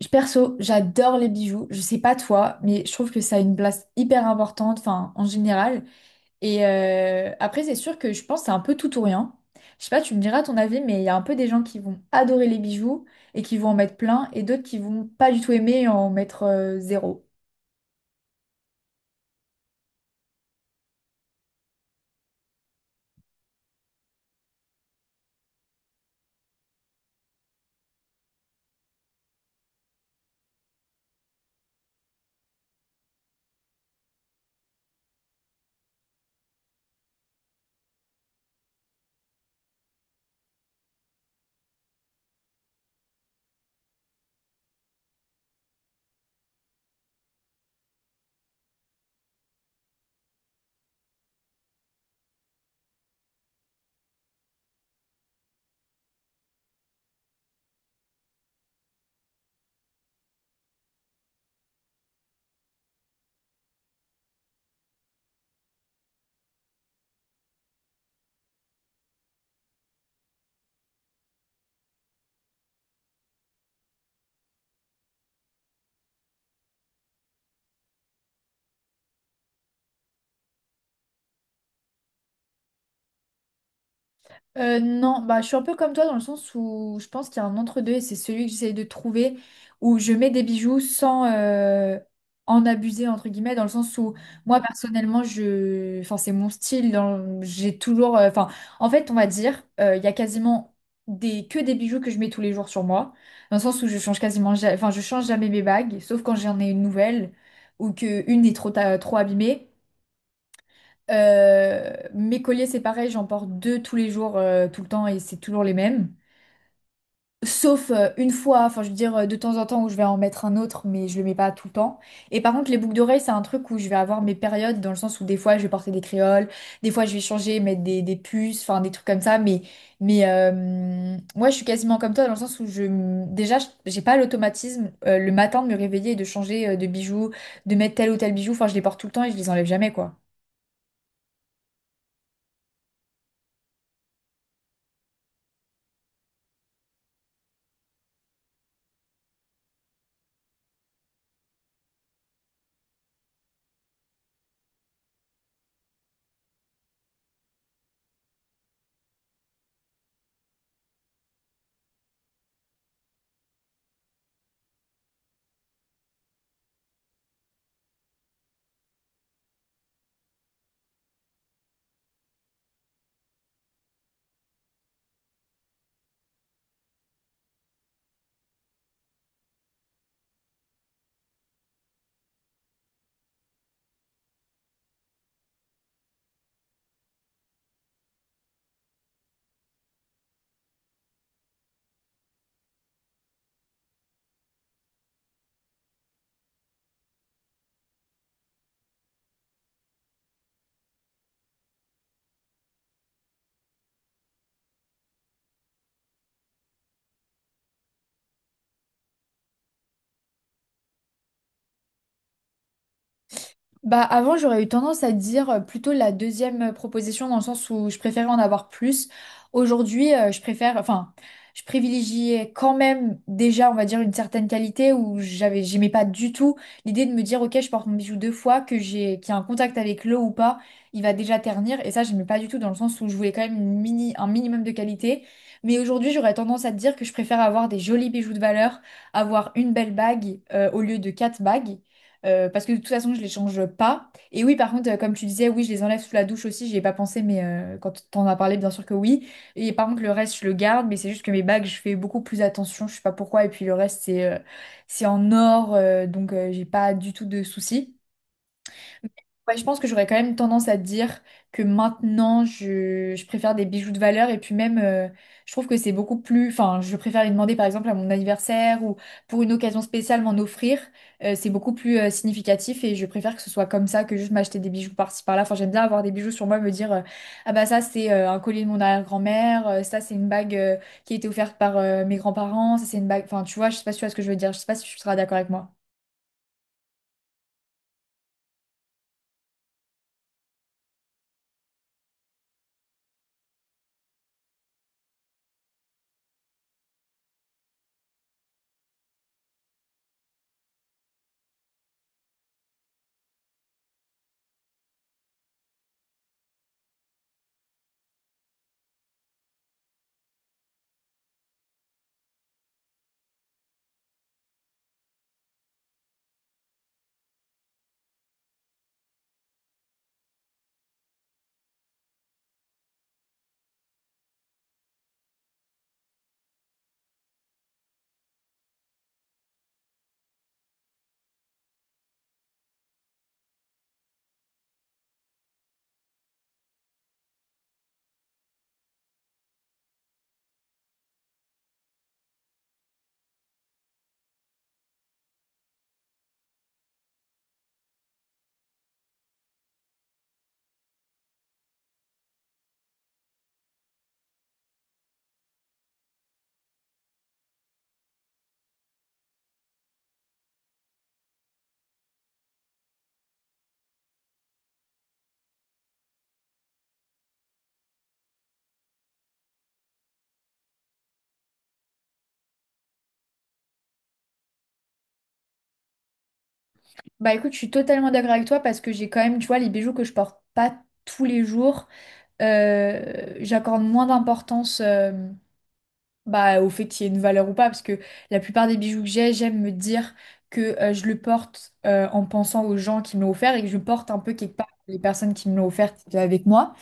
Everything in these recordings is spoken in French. Perso, j'adore les bijoux. Je sais pas toi, mais je trouve que ça a une place hyper importante, enfin, en général. Après, c'est sûr que je pense que c'est un peu tout ou rien. Je sais pas, tu me diras ton avis, mais il y a un peu des gens qui vont adorer les bijoux et qui vont en mettre plein, et d'autres qui vont pas du tout aimer et en mettre zéro. Non, bah, je suis un peu comme toi dans le sens où je pense qu'il y a un entre-deux et c'est celui que j'essaye de trouver où je mets des bijoux sans en abuser, entre guillemets, dans le sens où moi personnellement, je... enfin, c'est mon style, j'ai toujours... en fait, on va dire, il y a quasiment des... que des bijoux que je mets tous les jours sur moi, dans le sens où je change quasiment... Enfin, je change jamais mes bagues, sauf quand j'en ai une nouvelle ou que une est trop abîmée. Mes colliers, c'est pareil, j'en porte deux tous les jours, tout le temps, et c'est toujours les mêmes. Sauf une fois, enfin je veux dire de temps en temps où je vais en mettre un autre, mais je le mets pas tout le temps. Et par contre, les boucles d'oreilles, c'est un truc où je vais avoir mes périodes, dans le sens où des fois je vais porter des créoles, des fois je vais changer, mettre des puces, enfin des trucs comme ça. Mais moi, je suis quasiment comme toi, dans le sens où déjà, j'ai pas l'automatisme le matin de me réveiller et de changer de bijoux, de mettre tel ou tel bijou. Enfin, je les porte tout le temps et je les enlève jamais, quoi. Bah avant j'aurais eu tendance à dire plutôt la deuxième proposition dans le sens où je préférais en avoir plus. Aujourd'hui je préfère, enfin je privilégiais quand même déjà on va dire une certaine qualité où j'aimais pas du tout l'idée de me dire ok je porte mon bijou deux fois que j'ai qu'il y a un contact avec l'eau ou pas il va déjà ternir et ça j'aimais pas du tout dans le sens où je voulais quand même une un minimum de qualité. Mais aujourd'hui j'aurais tendance à te dire que je préfère avoir des jolis bijoux de valeur, avoir une belle bague au lieu de quatre bagues. Parce que de toute façon, je les change pas. Et oui, par contre, comme tu disais, oui, je les enlève sous la douche aussi. J'y ai pas pensé, mais quand t'en as parlé, bien sûr que oui. Et par contre, le reste, je le garde, mais c'est juste que mes bagues, je fais beaucoup plus attention. Je sais pas pourquoi. Et puis le reste, c'est en or, donc j'ai pas du tout de soucis. Ouais, je pense que j'aurais quand même tendance à te dire que maintenant, je préfère des bijoux de valeur et puis même, je trouve que c'est beaucoup plus... Enfin, je préfère les demander par exemple à mon anniversaire ou pour une occasion spéciale m'en offrir. C'est beaucoup plus significatif et je préfère que ce soit comme ça que juste m'acheter des bijoux par-ci par-là. Enfin, j'aime bien avoir des bijoux sur moi, me dire, ah bah ça c'est un collier de mon arrière-grand-mère, ça c'est une bague qui a été offerte par mes grands-parents, ça c'est une bague... Enfin, tu vois, je sais pas si tu vois ce que je veux dire, je sais pas si tu seras d'accord avec moi. Bah écoute, je suis totalement d'accord avec toi parce que j'ai quand même, tu vois, les bijoux que je porte pas tous les jours, j'accorde moins d'importance bah, au fait qu'il y ait une valeur ou pas parce que la plupart des bijoux que j'ai, j'aime me dire que je le porte en pensant aux gens qui me l'ont offert et que je porte un peu quelque part les personnes qui me l'ont offert qui étaient avec moi.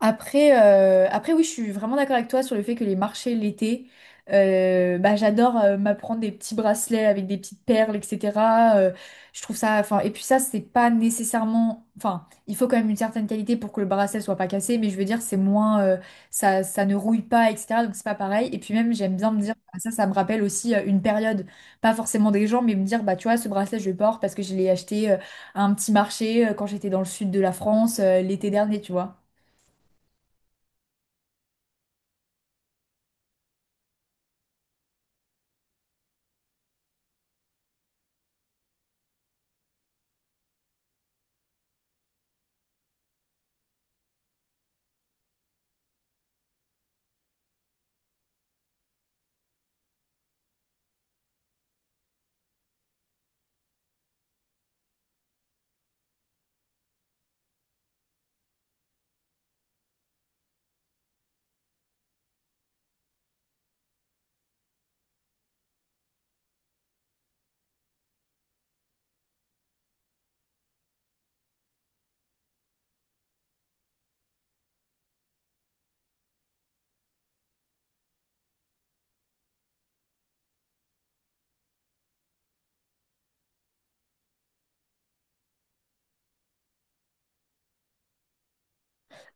Après, après oui, je suis vraiment d'accord avec toi sur le fait que les marchés l'été, bah, j'adore m'apprendre des petits bracelets avec des petites perles, etc. Euh, je trouve ça, enfin, et puis ça, c'est pas nécessairement, enfin, il faut quand même une certaine qualité pour que le bracelet soit pas cassé, mais je veux dire, c'est moins, ça, ça ne rouille pas, etc. Donc c'est pas pareil. Et puis même, j'aime bien me dire, ah, ça me rappelle aussi une période, pas forcément des gens, mais me dire, bah tu vois, ce bracelet, je le porte parce que je l'ai acheté à un petit marché quand j'étais dans le sud de la France l'été dernier, tu vois.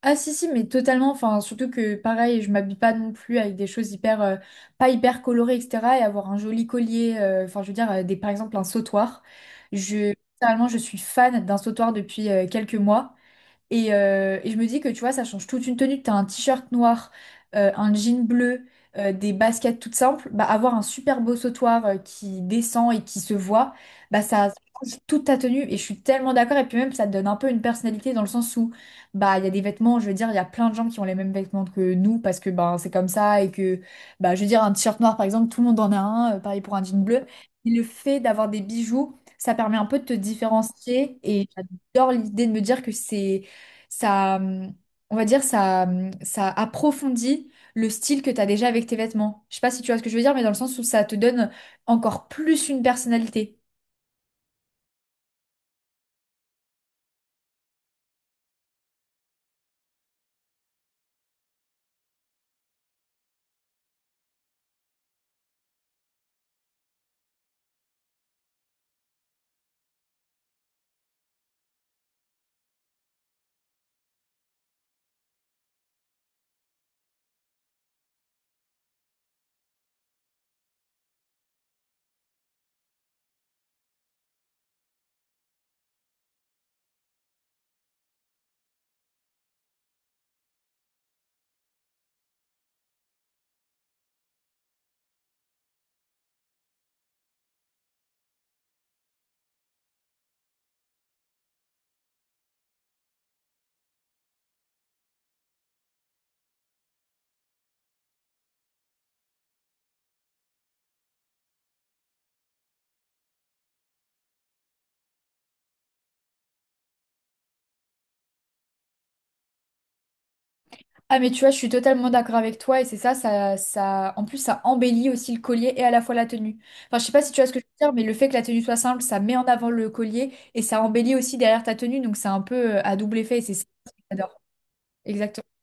Ah si si mais totalement enfin surtout que pareil je m'habille pas non plus avec des choses hyper pas hyper colorées etc et avoir un joli collier enfin je veux dire des par exemple un sautoir je littéralement je suis fan d'un sautoir depuis quelques mois et je me dis que tu vois, ça change toute une tenue. T'as un t-shirt noir, un jean bleu, des baskets toutes simples. Bah, avoir un super beau sautoir qui descend et qui se voit, bah, ça change toute ta tenue. Et je suis tellement d'accord. Et puis même, ça te donne un peu une personnalité dans le sens où bah, il y a des vêtements, je veux dire, il y a plein de gens qui ont les mêmes vêtements que nous parce que bah, c'est comme ça. Et que, bah, je veux dire, un t-shirt noir, par exemple, tout le monde en a un. Pareil pour un jean bleu. Et le fait d'avoir des bijoux, ça permet un peu de te différencier. Et j'adore l'idée de me dire que c'est ça, euh, on va dire, ça approfondit le style que tu as déjà avec tes vêtements. Je sais pas si tu vois ce que je veux dire, mais dans le sens où ça te donne encore plus une personnalité. Ah mais tu vois, je suis totalement d'accord avec toi et c'est ça, en plus ça embellit aussi le collier et à la fois la tenue. Enfin, je sais pas si tu vois ce que je veux dire, mais le fait que la tenue soit simple, ça met en avant le collier et ça embellit aussi derrière ta tenue, donc c'est un peu à double effet et c'est ça que j'adore. Exactement.